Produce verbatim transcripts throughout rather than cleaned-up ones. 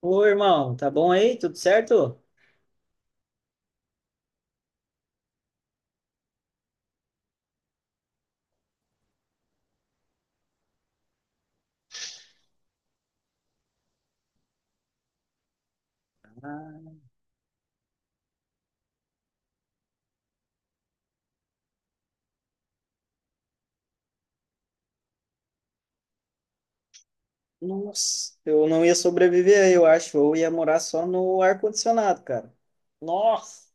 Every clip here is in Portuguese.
Ô, irmão, tá bom aí? Tudo certo? Ah, nossa, eu não ia sobreviver aí, eu acho. Eu ia morar só no ar-condicionado, cara. Nossa,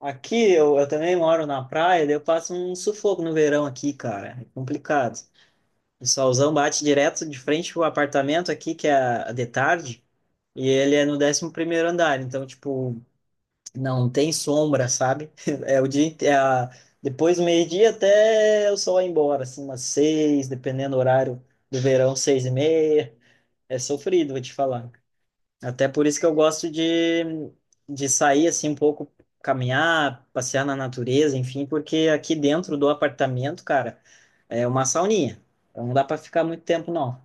aqui eu, eu também moro na praia, daí eu passo um sufoco no verão aqui, cara. É complicado. O solzão bate direto de frente pro apartamento aqui, que é a- de tarde, e ele é no décimo primeiro andar. Então, tipo, não tem sombra, sabe? É o dia, inte- é a- Depois do meio-dia até o sol ir embora, assim, umas seis, dependendo do horário do verão, seis e meia. É sofrido, vou te falar. Até por isso que eu gosto de, de, sair, assim, um pouco, caminhar, passear na natureza, enfim, porque aqui dentro do apartamento, cara, é uma sauninha. Então não dá para ficar muito tempo, não.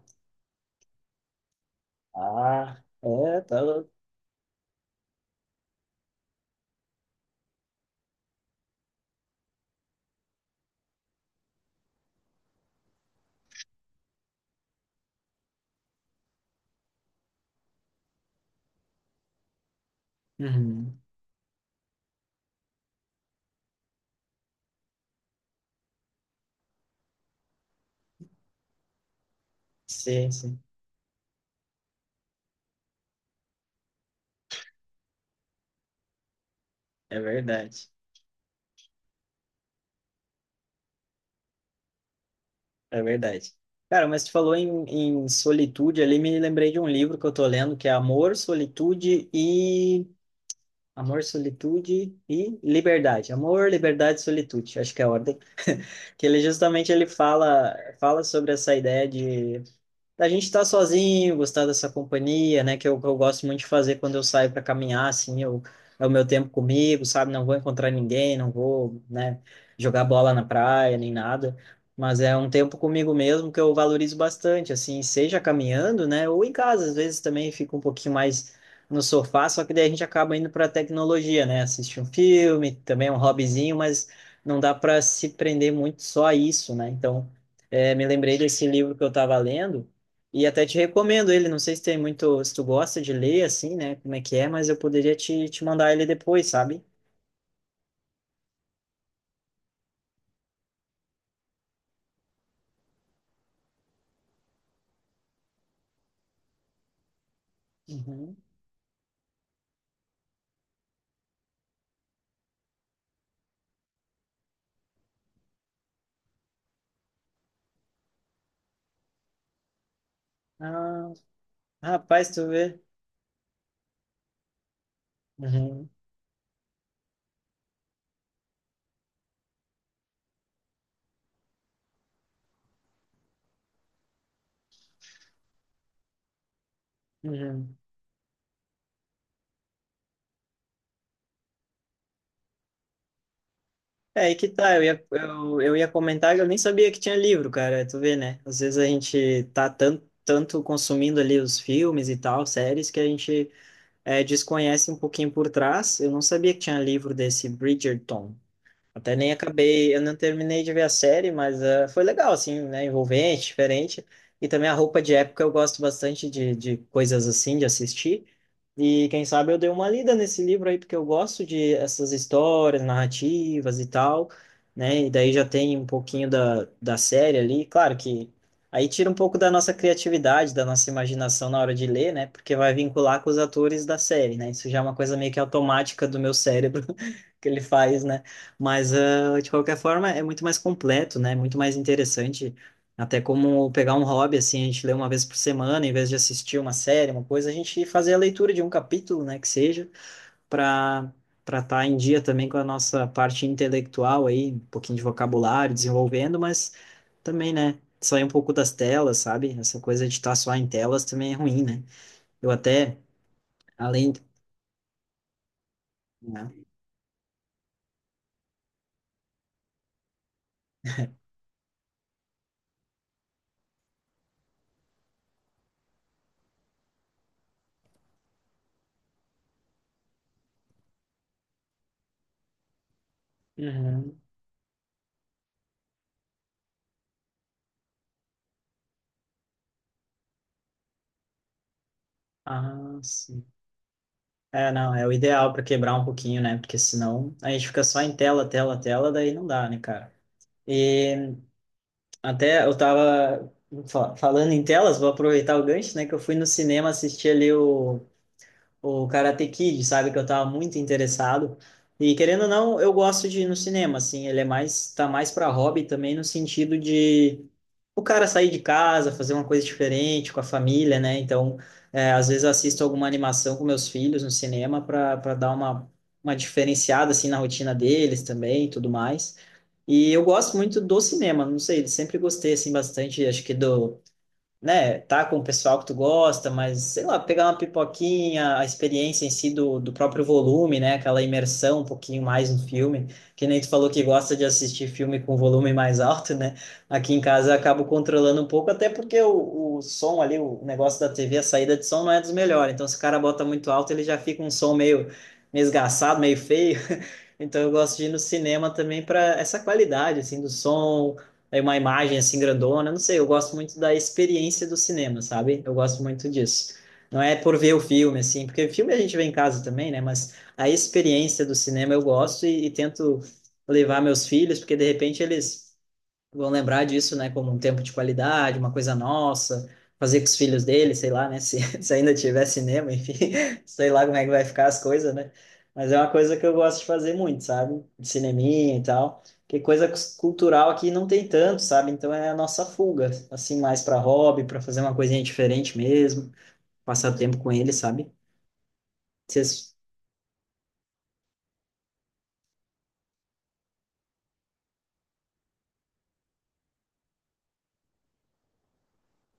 Ah, é, tá louco. Uhum. Sim, sim, é verdade. É verdade. Cara, mas tu falou em, em solitude ali, me lembrei de um livro que eu tô lendo que é Amor, Solitude e. Amor, Solitude e Liberdade. Amor, Liberdade e Solitude, acho que é a ordem. Que ele justamente ele fala, fala sobre essa ideia de da gente estar sozinho, gostar dessa companhia, né? Que eu, que eu gosto muito de fazer quando eu saio para caminhar, assim, eu, é o meu tempo comigo, sabe? Não vou encontrar ninguém, não vou, né, jogar bola na praia, nem nada. Mas é um tempo comigo mesmo que eu valorizo bastante, assim, seja caminhando, né? Ou em casa, às vezes também fico um pouquinho mais no sofá, só que daí a gente acaba indo para a tecnologia, né? Assistir um filme, também é um hobbyzinho, mas não dá para se prender muito só a isso, né? Então, é, me lembrei desse livro que eu estava lendo, e até te recomendo ele, não sei se tem muito, se tu gosta de ler assim, né, como é que é, mas eu poderia te, te, mandar ele depois, sabe? Uhum. Ah, rapaz, tu vê. Uhum. Uhum. É, aí que tá, eu ia, eu, eu ia comentar que eu nem sabia que tinha livro, cara, tu vê, né? Às vezes a gente tá tanto, tanto consumindo ali os filmes e tal, séries, que a gente é, desconhece um pouquinho por trás. Eu não sabia que tinha livro desse Bridgerton. Até nem acabei, eu não terminei de ver a série, mas eh, foi legal, assim, né? Envolvente, diferente. E também a roupa de época eu gosto bastante de, de, coisas assim, de assistir. E quem sabe eu dei uma lida nesse livro aí, porque eu gosto de essas histórias, narrativas e tal, né? E daí já tem um pouquinho da, da série ali. Claro que aí tira um pouco da nossa criatividade, da nossa imaginação na hora de ler, né? Porque vai vincular com os atores da série, né? Isso já é uma coisa meio que automática do meu cérebro que ele faz, né? Mas, ah, de qualquer forma, é muito mais completo, né? Muito mais interessante. Até como pegar um hobby, assim, a gente lê uma vez por semana, em vez de assistir uma série, uma coisa, a gente fazer a leitura de um capítulo, né? Que seja, para para estar em dia também com a nossa parte intelectual aí, um pouquinho de vocabulário desenvolvendo, mas também, né? Sair um pouco das telas, sabe? Essa coisa de estar só em telas também é ruim, né? Eu até, além. Né? Uhum. Ah, sim. É, não, é o ideal para quebrar um pouquinho, né? Porque senão a gente fica só em tela, tela, tela, daí não dá, né, cara? E até eu tava fa- falando em telas, vou aproveitar o gancho, né? Que eu fui no cinema assistir ali o Karate Kid, sabe? Que eu tava muito interessado. E querendo ou não, eu gosto de ir no cinema, assim. Ele é mais, tá mais para hobby também no sentido de o cara sair de casa, fazer uma coisa diferente com a família, né? Então, é, às vezes eu assisto alguma animação com meus filhos no cinema para para dar uma, uma diferenciada, assim, na rotina deles também e tudo mais. E eu gosto muito do cinema, não sei, sempre gostei, assim, bastante, acho que do né, tá com o pessoal que tu gosta, mas sei lá, pegar uma pipoquinha, a experiência em si do, do, próprio volume, né, aquela imersão um pouquinho mais no filme, que nem tu falou que gosta de assistir filme com volume mais alto, né? Aqui em casa eu acabo controlando um pouco, até porque o, o som ali, o negócio da T V, a saída de som não é dos melhores, então se o cara bota muito alto, ele já fica um som meio, meio esgarçado, meio feio. Então eu gosto de ir no cinema também para essa qualidade assim do som, aí uma imagem assim grandona, não sei, eu gosto muito da experiência do cinema, sabe? Eu gosto muito disso. Não é por ver o filme, assim, porque filme a gente vê em casa também, né? Mas a experiência do cinema eu gosto e, e tento levar meus filhos, porque de repente eles vão lembrar disso, né, como um tempo de qualidade, uma coisa nossa, fazer com os filhos dele, sei lá, né, se, se ainda tiver cinema, enfim, sei lá como é que vai ficar as coisas, né? Mas é uma coisa que eu gosto de fazer muito, sabe? De cineminha e tal. Que coisa cus- cultural aqui não tem tanto, sabe? Então é a nossa fuga, assim, mais para hobby, para fazer uma coisinha diferente mesmo, passar tempo com ele, sabe? Vocês...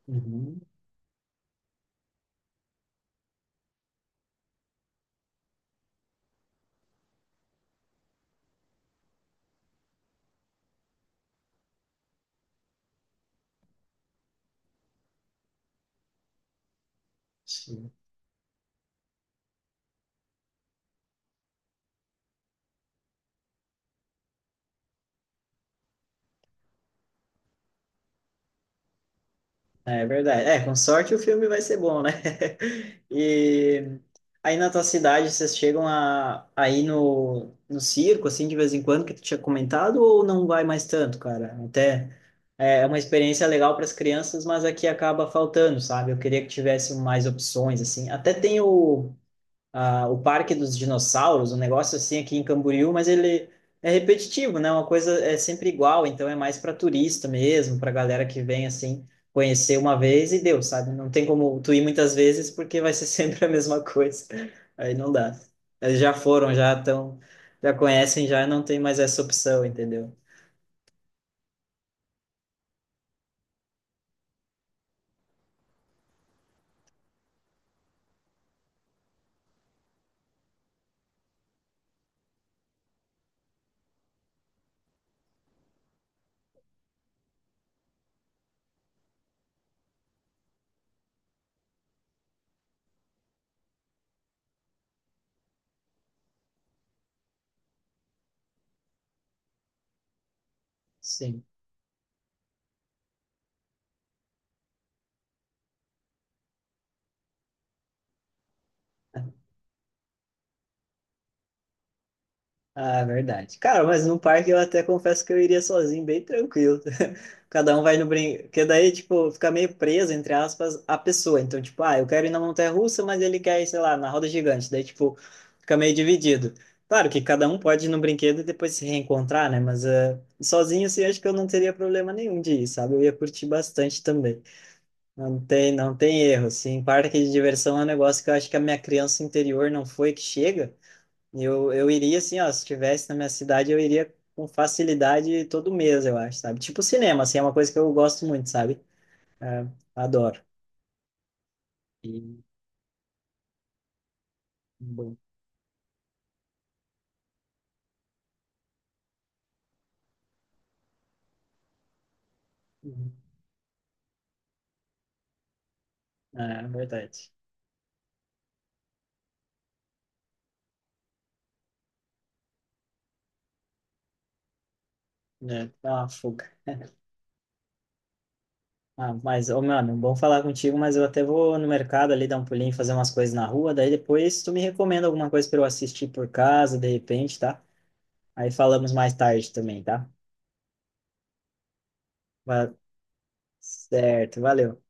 Uhum. É verdade. É, com sorte o filme vai ser bom, né? E aí na tua cidade vocês chegam a, a, ir no, no circo, assim, de vez em quando, que tu tinha comentado, ou não vai mais tanto, cara? Até é é uma experiência legal para as crianças, mas aqui acaba faltando, sabe? Eu queria que tivesse mais opções, assim. Até tem o ah, o Parque dos Dinossauros, um negócio assim aqui em Camboriú, mas ele é repetitivo, né? Uma coisa é sempre igual, então é mais para turista mesmo, para galera que vem assim conhecer uma vez e deu, sabe? Não tem como tu ir muitas vezes porque vai ser sempre a mesma coisa. Aí não dá. Eles já foram, já estão, já conhecem, já não tem mais essa opção, entendeu? Sim. Ah, é verdade. Cara, mas no parque eu até confesso que eu iria sozinho, bem tranquilo. Cada um vai no brinquedo. Porque daí, tipo, fica meio preso, entre aspas, a pessoa. Então, tipo, ah, eu quero ir na montanha-russa, mas ele quer ir, sei lá, na roda gigante. Daí, tipo, fica meio dividido. Claro que cada um pode ir no brinquedo e depois se reencontrar, né? Mas eh, sozinho, assim, acho que eu não teria problema nenhum de ir, sabe? Eu ia curtir bastante também. Não tem, não tem erro, assim. Parque de diversão é um negócio que eu acho que a minha criança interior não foi que chega. E Eu, eu iria assim, ó, se tivesse na minha cidade, eu iria com facilidade todo mês, eu acho, sabe? Tipo cinema, assim, é uma coisa que eu gosto muito, sabe? É, adoro. E... Bom. Uhum. É, verdade. É, dá uma fuga. Ah, mas, ô, mano, bom falar contigo, mas eu até vou no mercado ali dar um pulinho, fazer umas coisas na rua, daí depois tu me recomenda alguma coisa para eu assistir por casa, de repente, tá? Aí falamos mais tarde também, tá? Va- Certo, valeu.